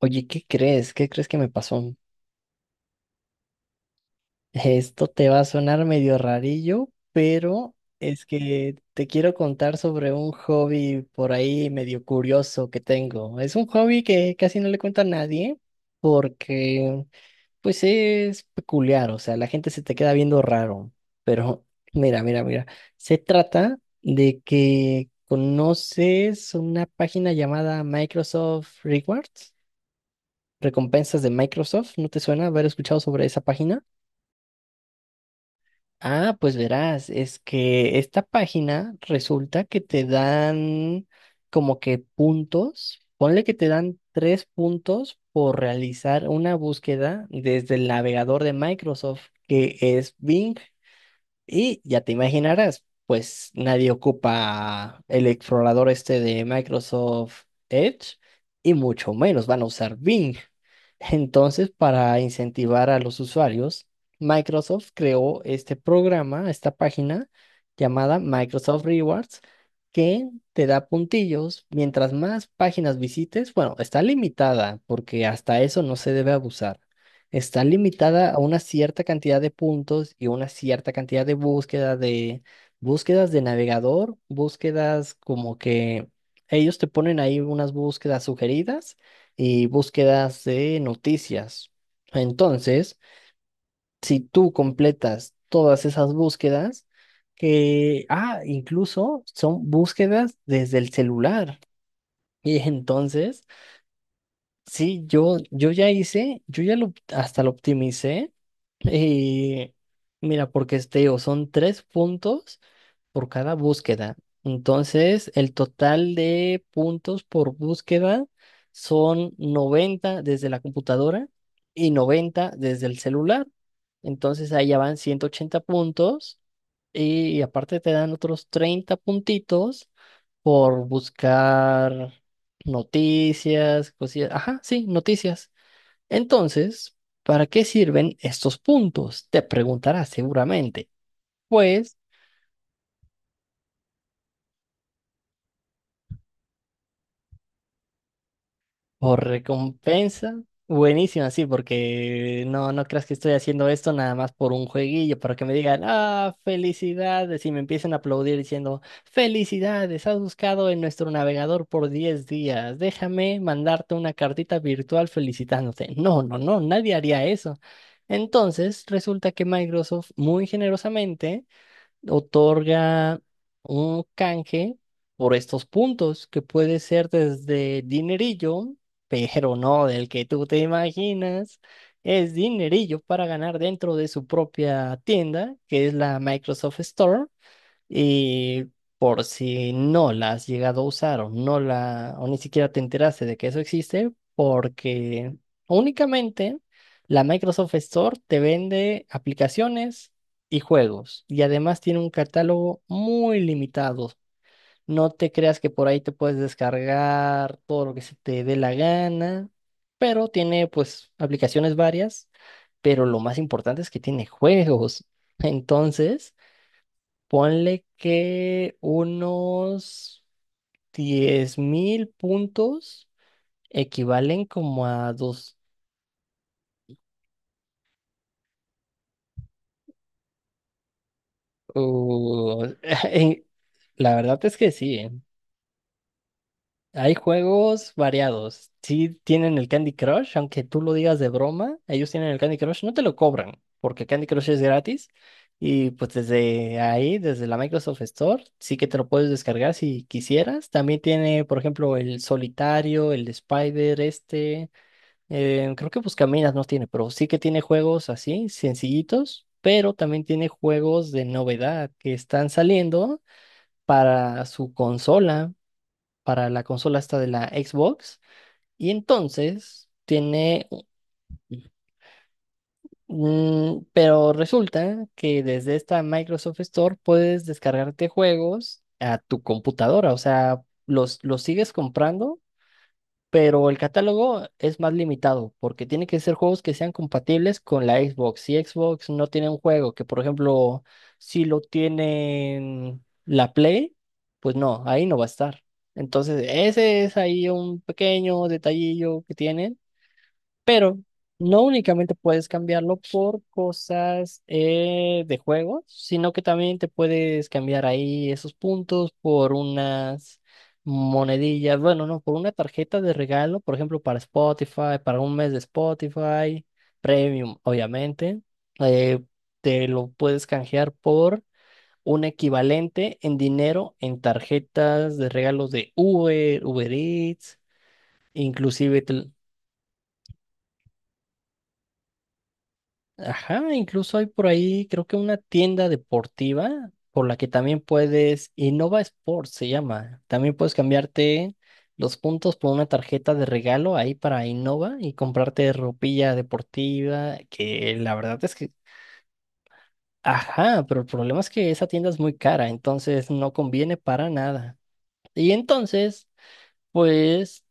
Oye, ¿qué crees? ¿Qué crees que me pasó? Esto te va a sonar medio rarillo, pero es que te quiero contar sobre un hobby por ahí medio curioso que tengo. Es un hobby que casi no le cuento a nadie porque pues es peculiar, o sea, la gente se te queda viendo raro, pero mira, mira, mira. Se trata de que conoces una página llamada Microsoft Rewards. Recompensas de Microsoft, ¿no te suena haber escuchado sobre esa página? Ah, pues verás, es que esta página resulta que te dan como que puntos, ponle que te dan tres puntos por realizar una búsqueda desde el navegador de Microsoft, que es Bing. Y ya te imaginarás, pues nadie ocupa el explorador este de Microsoft Edge y mucho menos van a usar Bing. Entonces, para incentivar a los usuarios, Microsoft creó este programa, esta página llamada Microsoft Rewards, que te da puntillos. Mientras más páginas visites, bueno, está limitada porque hasta eso no se debe abusar. Está limitada a una cierta cantidad de puntos y una cierta cantidad de búsqueda de búsquedas de navegador, búsquedas como que ellos te ponen ahí unas búsquedas sugeridas y búsquedas de noticias. Entonces, si tú completas todas esas búsquedas, que, ah, incluso son búsquedas desde el celular. Y entonces, sí, yo hasta lo optimicé y mira, porque este, digo, son tres puntos por cada búsqueda. Entonces, el total de puntos por búsqueda son 90 desde la computadora y 90 desde el celular. Entonces, ahí ya van 180 puntos y aparte te dan otros 30 puntitos por buscar noticias, cosillas. Ajá, sí, noticias. Entonces, ¿para qué sirven estos puntos? Te preguntarás seguramente. Pues, por recompensa. Buenísimo, sí, porque no, no creas que estoy haciendo esto nada más por un jueguillo, para que me digan, ah, felicidades, y me empiecen a aplaudir diciendo, felicidades, has buscado en nuestro navegador por 10 días, déjame mandarte una cartita virtual felicitándote. No, no, no, nadie haría eso. Entonces, resulta que Microsoft muy generosamente otorga un canje por estos puntos, que puede ser desde dinerillo, pero no del que tú te imaginas. Es dinerillo para ganar dentro de su propia tienda, que es la Microsoft Store. Y por si no la has llegado a usar o no la, o ni siquiera te enteraste de que eso existe, porque únicamente la Microsoft Store te vende aplicaciones y juegos. Y además tiene un catálogo muy limitado. No te creas que por ahí te puedes descargar todo lo que se te dé la gana, pero tiene pues aplicaciones varias, pero lo más importante es que tiene juegos. Entonces... Ponle que unos 10.000 puntos equivalen como a dos. uh, en- la verdad es que sí. ¿Eh? Hay juegos variados. Sí tienen el Candy Crush, aunque tú lo digas de broma, ellos tienen el Candy Crush, no te lo cobran, porque Candy Crush es gratis. Y pues desde ahí, desde la Microsoft Store, sí que te lo puedes descargar si quisieras. También tiene, por ejemplo, el Solitario, el Spider, este. Creo que Buscaminas no tiene, pero sí que tiene juegos así, sencillitos, pero también tiene juegos de novedad que están saliendo para su consola, para la consola esta de la Xbox. Y entonces tiene, pero resulta que desde esta Microsoft Store puedes descargarte juegos a tu computadora, o sea, los sigues comprando pero el catálogo es más limitado porque tiene que ser juegos que sean compatibles con la Xbox. Si Xbox no tiene un juego que, por ejemplo, si lo tienen la Play, pues no, ahí no va a estar. Entonces, ese es ahí un pequeño detallillo que tienen pero no únicamente puedes cambiarlo por cosas de juegos, sino que también te puedes cambiar ahí esos puntos por unas monedillas, bueno, no, por una tarjeta de regalo, por ejemplo, para Spotify, para un mes de Spotify, Premium, obviamente, eh, te lo puedes canjear por un equivalente en dinero en tarjetas de regalos de Uber, Uber Eats. Inclusive te- Ajá, incluso hay por ahí, creo que una tienda deportiva por la que también puedes, Innova Sports se llama, también puedes cambiarte los puntos por una tarjeta de regalo ahí para Innova y comprarte ropilla deportiva, que la verdad es que, ajá, pero el problema es que esa tienda es muy cara, entonces no conviene para nada. Y entonces, pues...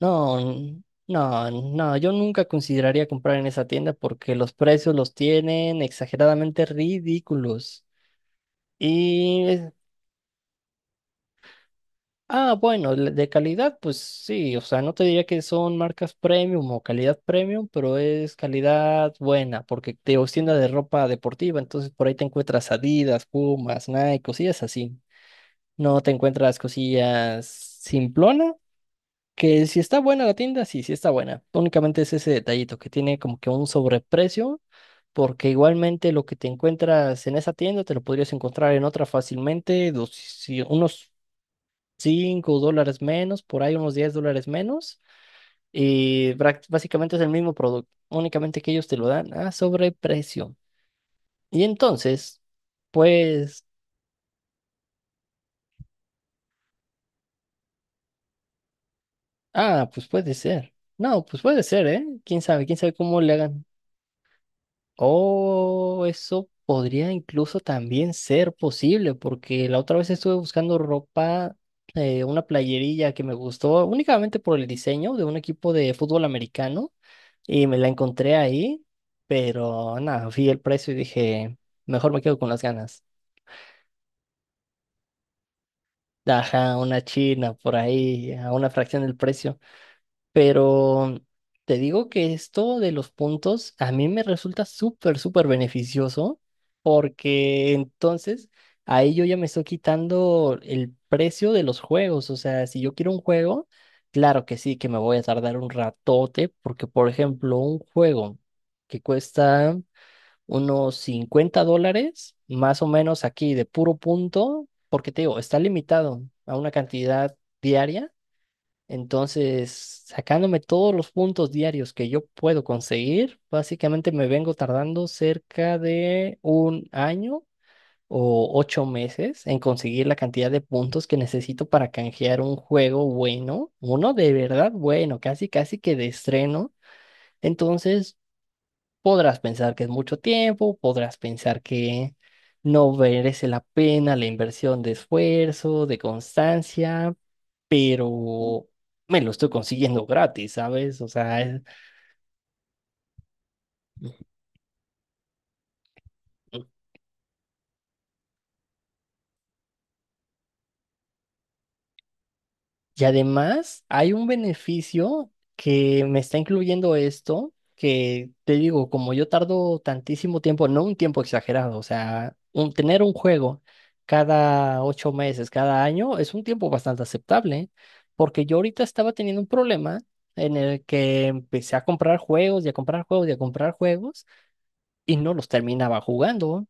No, no, no, yo nunca consideraría comprar en esa tienda porque los precios los tienen exageradamente ridículos. Y, ah, bueno, de calidad, pues sí, o sea, no te diría que son marcas premium o calidad premium, pero es calidad buena porque te digo, es tienda de ropa deportiva, entonces por ahí te encuentras Adidas, Pumas, Nike, cosillas así. No te encuentras cosillas simplonas. Que si está buena la tienda, sí, sí está buena. Únicamente es ese detallito que tiene como que un sobreprecio, porque igualmente lo que te encuentras en esa tienda te lo podrías encontrar en otra fácilmente, unos 5 dólares menos, por ahí unos 10 dólares menos, y básicamente es el mismo producto, únicamente que ellos te lo dan a sobreprecio. Y entonces, pues, ah, pues puede ser. No, pues puede ser, ¿eh? ¿Quién sabe? ¿Quién sabe cómo le hagan? Oh, eso podría incluso también ser posible, porque la otra vez estuve buscando ropa, una playerilla que me gustó únicamente por el diseño de un equipo de fútbol americano y me la encontré ahí, pero nada, vi el precio y dije, mejor me quedo con las ganas. Ajá, una china por ahí, a una fracción del precio. Pero te digo que esto de los puntos a mí me resulta súper, súper beneficioso porque entonces ahí yo ya me estoy quitando el precio de los juegos. O sea, si yo quiero un juego, claro que sí, que me voy a tardar un ratote porque, por ejemplo, un juego que cuesta unos 50 dólares, más o menos aquí de puro punto, porque te digo, está limitado a una cantidad diaria. Entonces, sacándome todos los puntos diarios que yo puedo conseguir, básicamente me vengo tardando cerca de un año o 8 meses en conseguir la cantidad de puntos que necesito para canjear un juego bueno, uno de verdad bueno, casi casi que de estreno. Entonces, podrás pensar que es mucho tiempo, podrás pensar que no merece la pena la inversión de esfuerzo, de constancia pero me lo estoy consiguiendo gratis, ¿sabes? O sea, es- y además hay un beneficio que me está incluyendo esto, que te digo, como yo tardo tantísimo tiempo, no un tiempo exagerado, o sea, tener un juego cada 8 meses, cada año, es un tiempo bastante aceptable, porque yo ahorita estaba teniendo un problema en el que empecé a comprar juegos y a comprar juegos y a comprar juegos. Y no los terminaba jugando.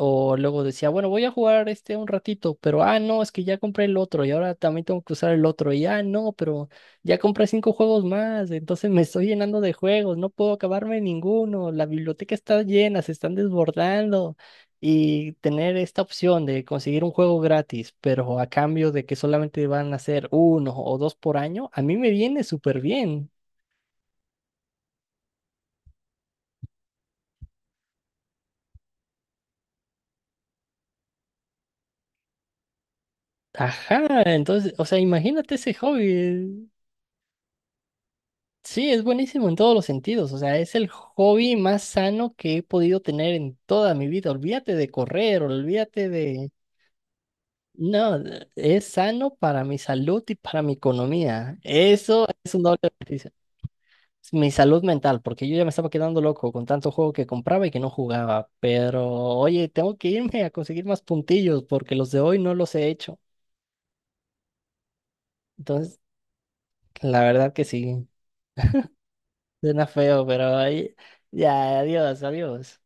O luego decía, bueno, voy a jugar este un ratito, pero ah, no, es que ya compré el otro y ahora también tengo que usar el otro. Y ah, no, pero ya compré cinco juegos más, entonces me estoy llenando de juegos, no puedo acabarme ninguno. La biblioteca está llena, se están desbordando. Y tener esta opción de conseguir un juego gratis, pero a cambio de que solamente van a ser uno o dos por año, a mí me viene súper bien. Ajá, entonces, o sea, imagínate ese hobby. Sí, es buenísimo en todos los sentidos. O sea, es el hobby más sano que he podido tener en toda mi vida. Olvídate de correr, olvídate de... No, es sano para mi salud y para mi economía. Eso es un doble beneficio. Es mi salud mental, porque yo ya me estaba quedando loco con tanto juego que compraba y que no jugaba. Pero, oye, tengo que irme a conseguir más puntillos porque los de hoy no los he hecho. Entonces, la verdad que sí, suena feo, pero ahí... Ya, adiós, adiós.